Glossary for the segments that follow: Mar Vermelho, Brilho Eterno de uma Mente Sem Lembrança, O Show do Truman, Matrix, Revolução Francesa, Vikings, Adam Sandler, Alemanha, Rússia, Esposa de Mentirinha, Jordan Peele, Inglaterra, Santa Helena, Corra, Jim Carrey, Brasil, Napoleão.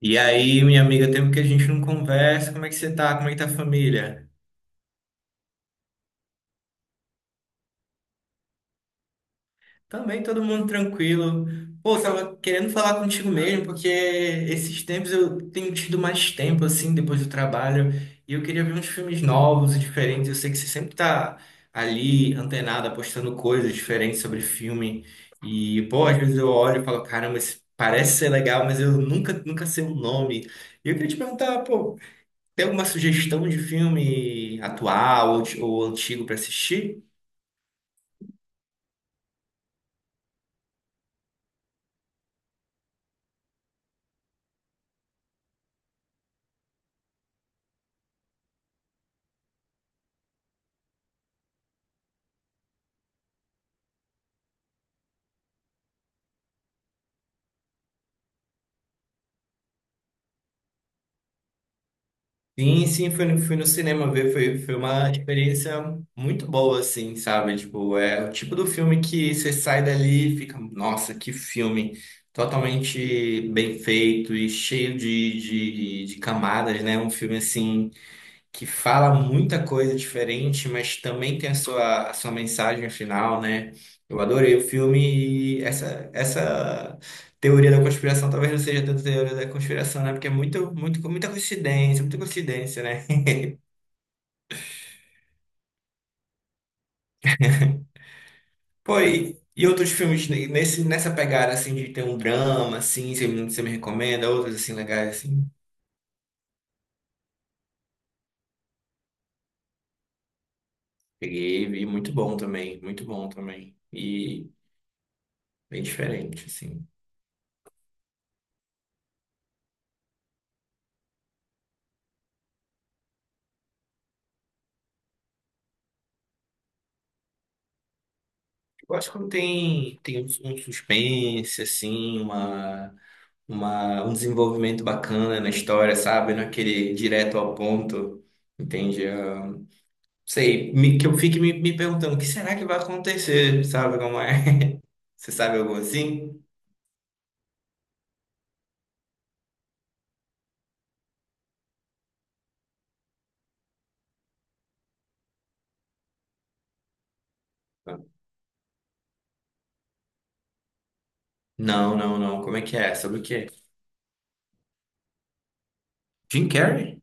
E aí, minha amiga, tempo que a gente não conversa, como é que você tá? Como é que tá a família? Também todo mundo tranquilo. Pô, tava querendo falar contigo mesmo, porque esses tempos eu tenho tido mais tempo, assim, depois do trabalho, e eu queria ver uns filmes novos e diferentes. Eu sei que você sempre tá ali, antenada, postando coisas diferentes sobre filme. E, pô, às vezes eu olho e falo, caramba, esse parece ser legal, mas eu nunca, nunca sei o nome. E eu queria te perguntar, pô. Tem alguma sugestão de filme atual ou, ou antigo para assistir? Sim, sim, fui no cinema ver, foi uma experiência muito boa, assim, sabe? Tipo, é o tipo do filme que você sai dali e fica, nossa, que filme totalmente bem feito e cheio de camadas, né? Um filme assim. Que fala muita coisa diferente, mas também tem a sua mensagem final, né? Eu adorei o filme e essa teoria da conspiração talvez não seja tanto teoria da conspiração, né? Porque é muito, muito, muita coincidência, né? Pô, e outros filmes nessa pegada, assim, de ter um drama, assim, você, você me recomenda, outros, assim, legais, assim. Peguei e vi, muito bom também, muito bom também. E bem diferente, assim. Eu acho que quando tem um, um suspense, assim, um desenvolvimento bacana na história, sabe? Não é aquele direto ao ponto, entende? Ah, sei, que eu fique me perguntando, o que será que vai acontecer, sabe como é? Você sabe algo assim? Não, não, não. Como é que é? Sobre o quê? Jim Carrey?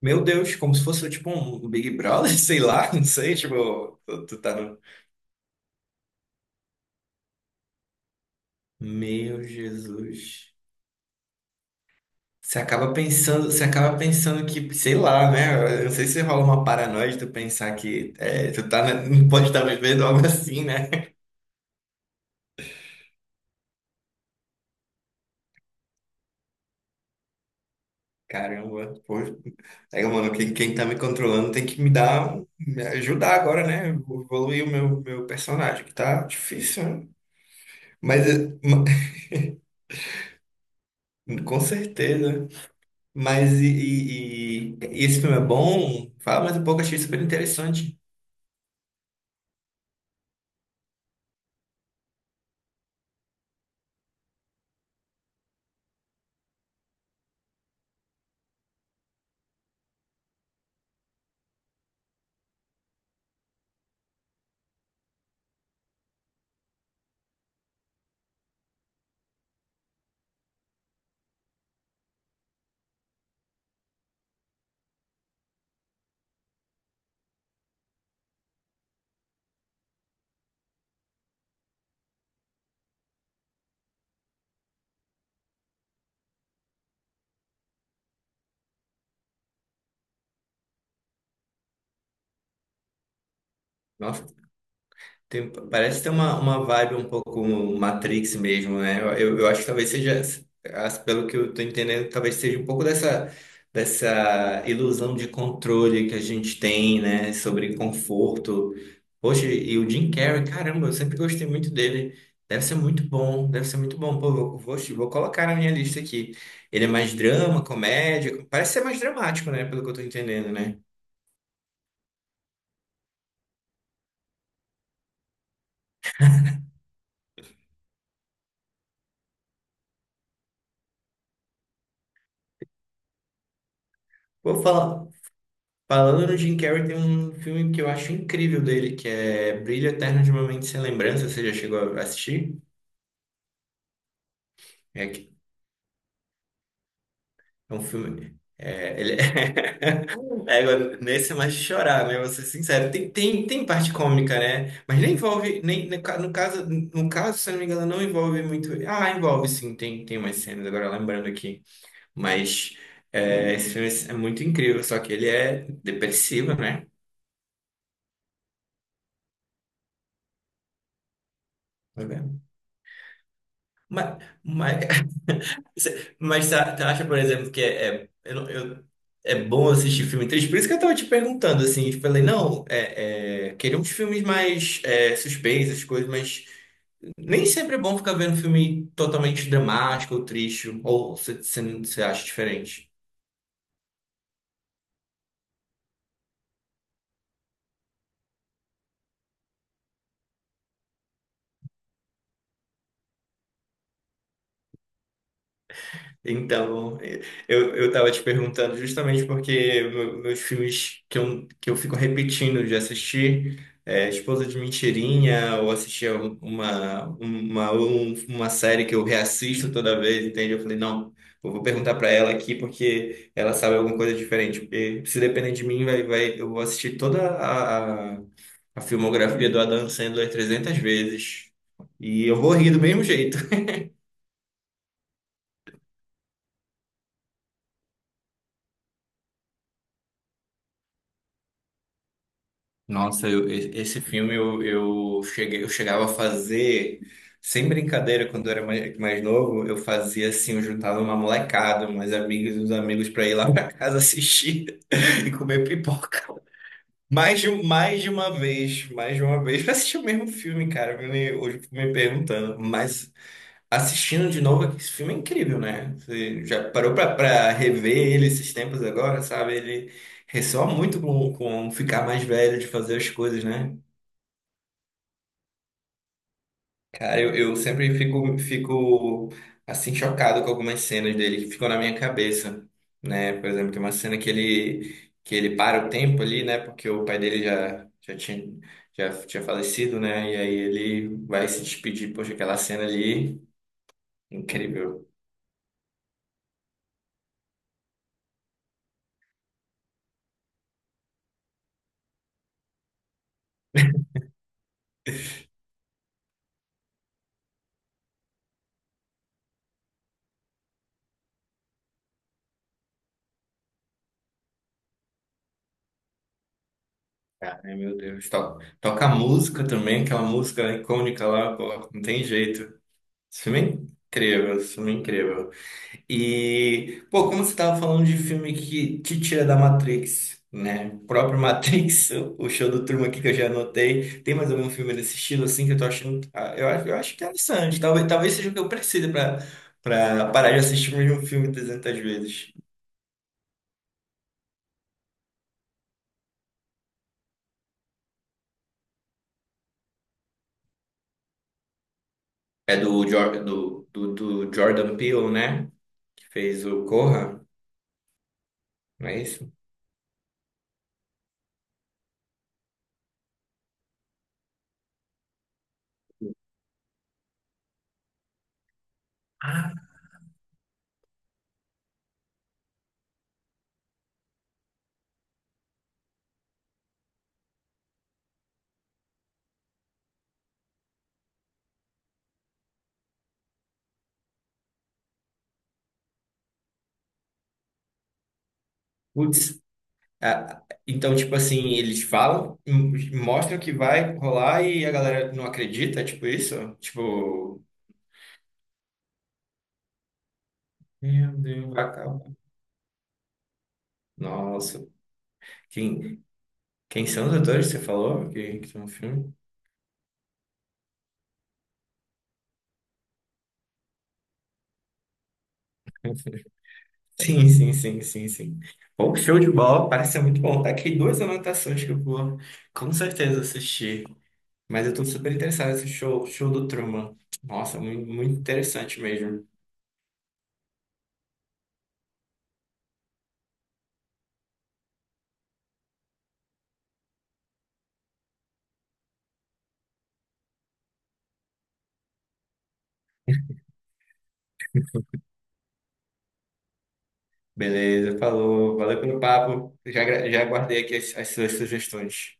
Meu Deus, como se fosse tipo um Big Brother, sei lá, não sei, tipo, tu tá no... Meu Jesus. Você acaba pensando que, sei lá, né? Eu não sei se rola uma paranoia de tu pensar que é, tu tá, não pode estar vivendo algo assim, né? Caramba, pô. Aí, mano, quem tá me controlando tem que me dar, me ajudar agora, né? Evoluir o meu personagem, que tá difícil, né? Mas, com certeza. Mas, esse filme é bom? Fala mais um pouco, achei super interessante. Nossa. Parece ter uma vibe um pouco Matrix mesmo, né? Eu, eu acho que talvez seja, pelo que eu tô entendendo, talvez seja um pouco dessa ilusão de controle que a gente tem, né? Sobre conforto. Poxa, e o Jim Carrey, caramba, eu sempre gostei muito dele. Deve ser muito bom, deve ser muito bom. Pô, vou colocar na minha lista aqui. Ele é mais drama, comédia, parece ser mais dramático, né? Pelo que eu tô entendendo, né? Vou falar. Falando no Jim Carrey, tem um filme que eu acho incrível dele, que é Brilho Eterno de uma Mente Sem Lembrança. Você já chegou a assistir? É, que- é um filme. É, ele é, agora, nesse é mais de chorar, né? Vou ser sincero. Tem parte cômica, né? Mas nem envolve. Nem, no caso, se eu não me engano, não envolve muito. Ah, envolve sim, tem umas cenas, agora lembrando aqui. Mas é, esse filme é muito incrível, só que ele é depressivo, né? Mas, mas, mas você acha, por exemplo, que é, é, eu não- eu- é bom assistir filme triste? Por isso que eu tava te perguntando, assim, eu falei, não, é, é, queria uns filmes mais é, suspeitos, coisas, mas nem sempre é bom ficar vendo filme totalmente dramático ou triste, ou você acha diferente? Então, eu tava te perguntando justamente porque meus filmes que eu fico repetindo de assistir é Esposa de Mentirinha, ou assistir uma série que eu reassisto toda vez, entende? Eu falei, não, eu vou perguntar pra ela aqui porque ela sabe alguma coisa diferente. Porque se depender de mim, eu vou assistir toda a filmografia do Adam Sandler 300 vezes. E eu vou rir do mesmo jeito. Nossa, esse filme eu cheguei, eu chegava a fazer, sem brincadeira, quando eu era mais novo, eu fazia assim, eu juntava uma molecada, umas amigas e uns amigos pra ir lá pra casa assistir e comer pipoca. Mais de uma vez, mais de uma vez, pra assistir o mesmo filme, cara, me, hoje eu fico me perguntando, mas assistindo de novo, esse filme é incrível, né? Você já parou pra rever ele esses tempos agora, sabe? Ele ressoa muito com ficar mais velho, de fazer as coisas, né? Cara, eu sempre fico, assim, chocado com algumas cenas dele que ficam na minha cabeça, né? Por exemplo, tem uma cena que ele para o tempo ali, né? Porque o pai dele já tinha falecido, né? E aí ele vai se despedir. Poxa, aquela cena ali, incrível. Cara, meu Deus. Toca música também, aquela música icônica lá, pô, não tem jeito. Esse filme é incrível, esse filme é incrível. E, pô, como você tava falando de filme que te tira da Matrix, né? O próprio Matrix, o show do Truman aqui que eu já anotei. Tem mais algum filme desse estilo, assim, que eu tô achando... ah, eu acho, eu acho interessante. Talvez seja o que eu preciso pra parar de assistir o mesmo filme 300 vezes. É do Jordan Peele, né? Que fez o Corra. Não é isso? Ah, putz. Ah, então, tipo assim, eles falam, mostram que vai rolar e a galera não acredita, tipo isso? Tipo, meu Deus, vai acabar. Nossa, quem, quem são os atores que você falou que estão no filme? Sim, sim, sim, sim, sim. Bom, show de bola, parece ser muito bom. Tá aqui duas anotações que eu vou com certeza assistir. Mas eu tô super interessado nesse show do Truman. Nossa, muito interessante mesmo. Beleza, falou. Valeu pelo papo. Já, já guardei aqui as as suas sugestões.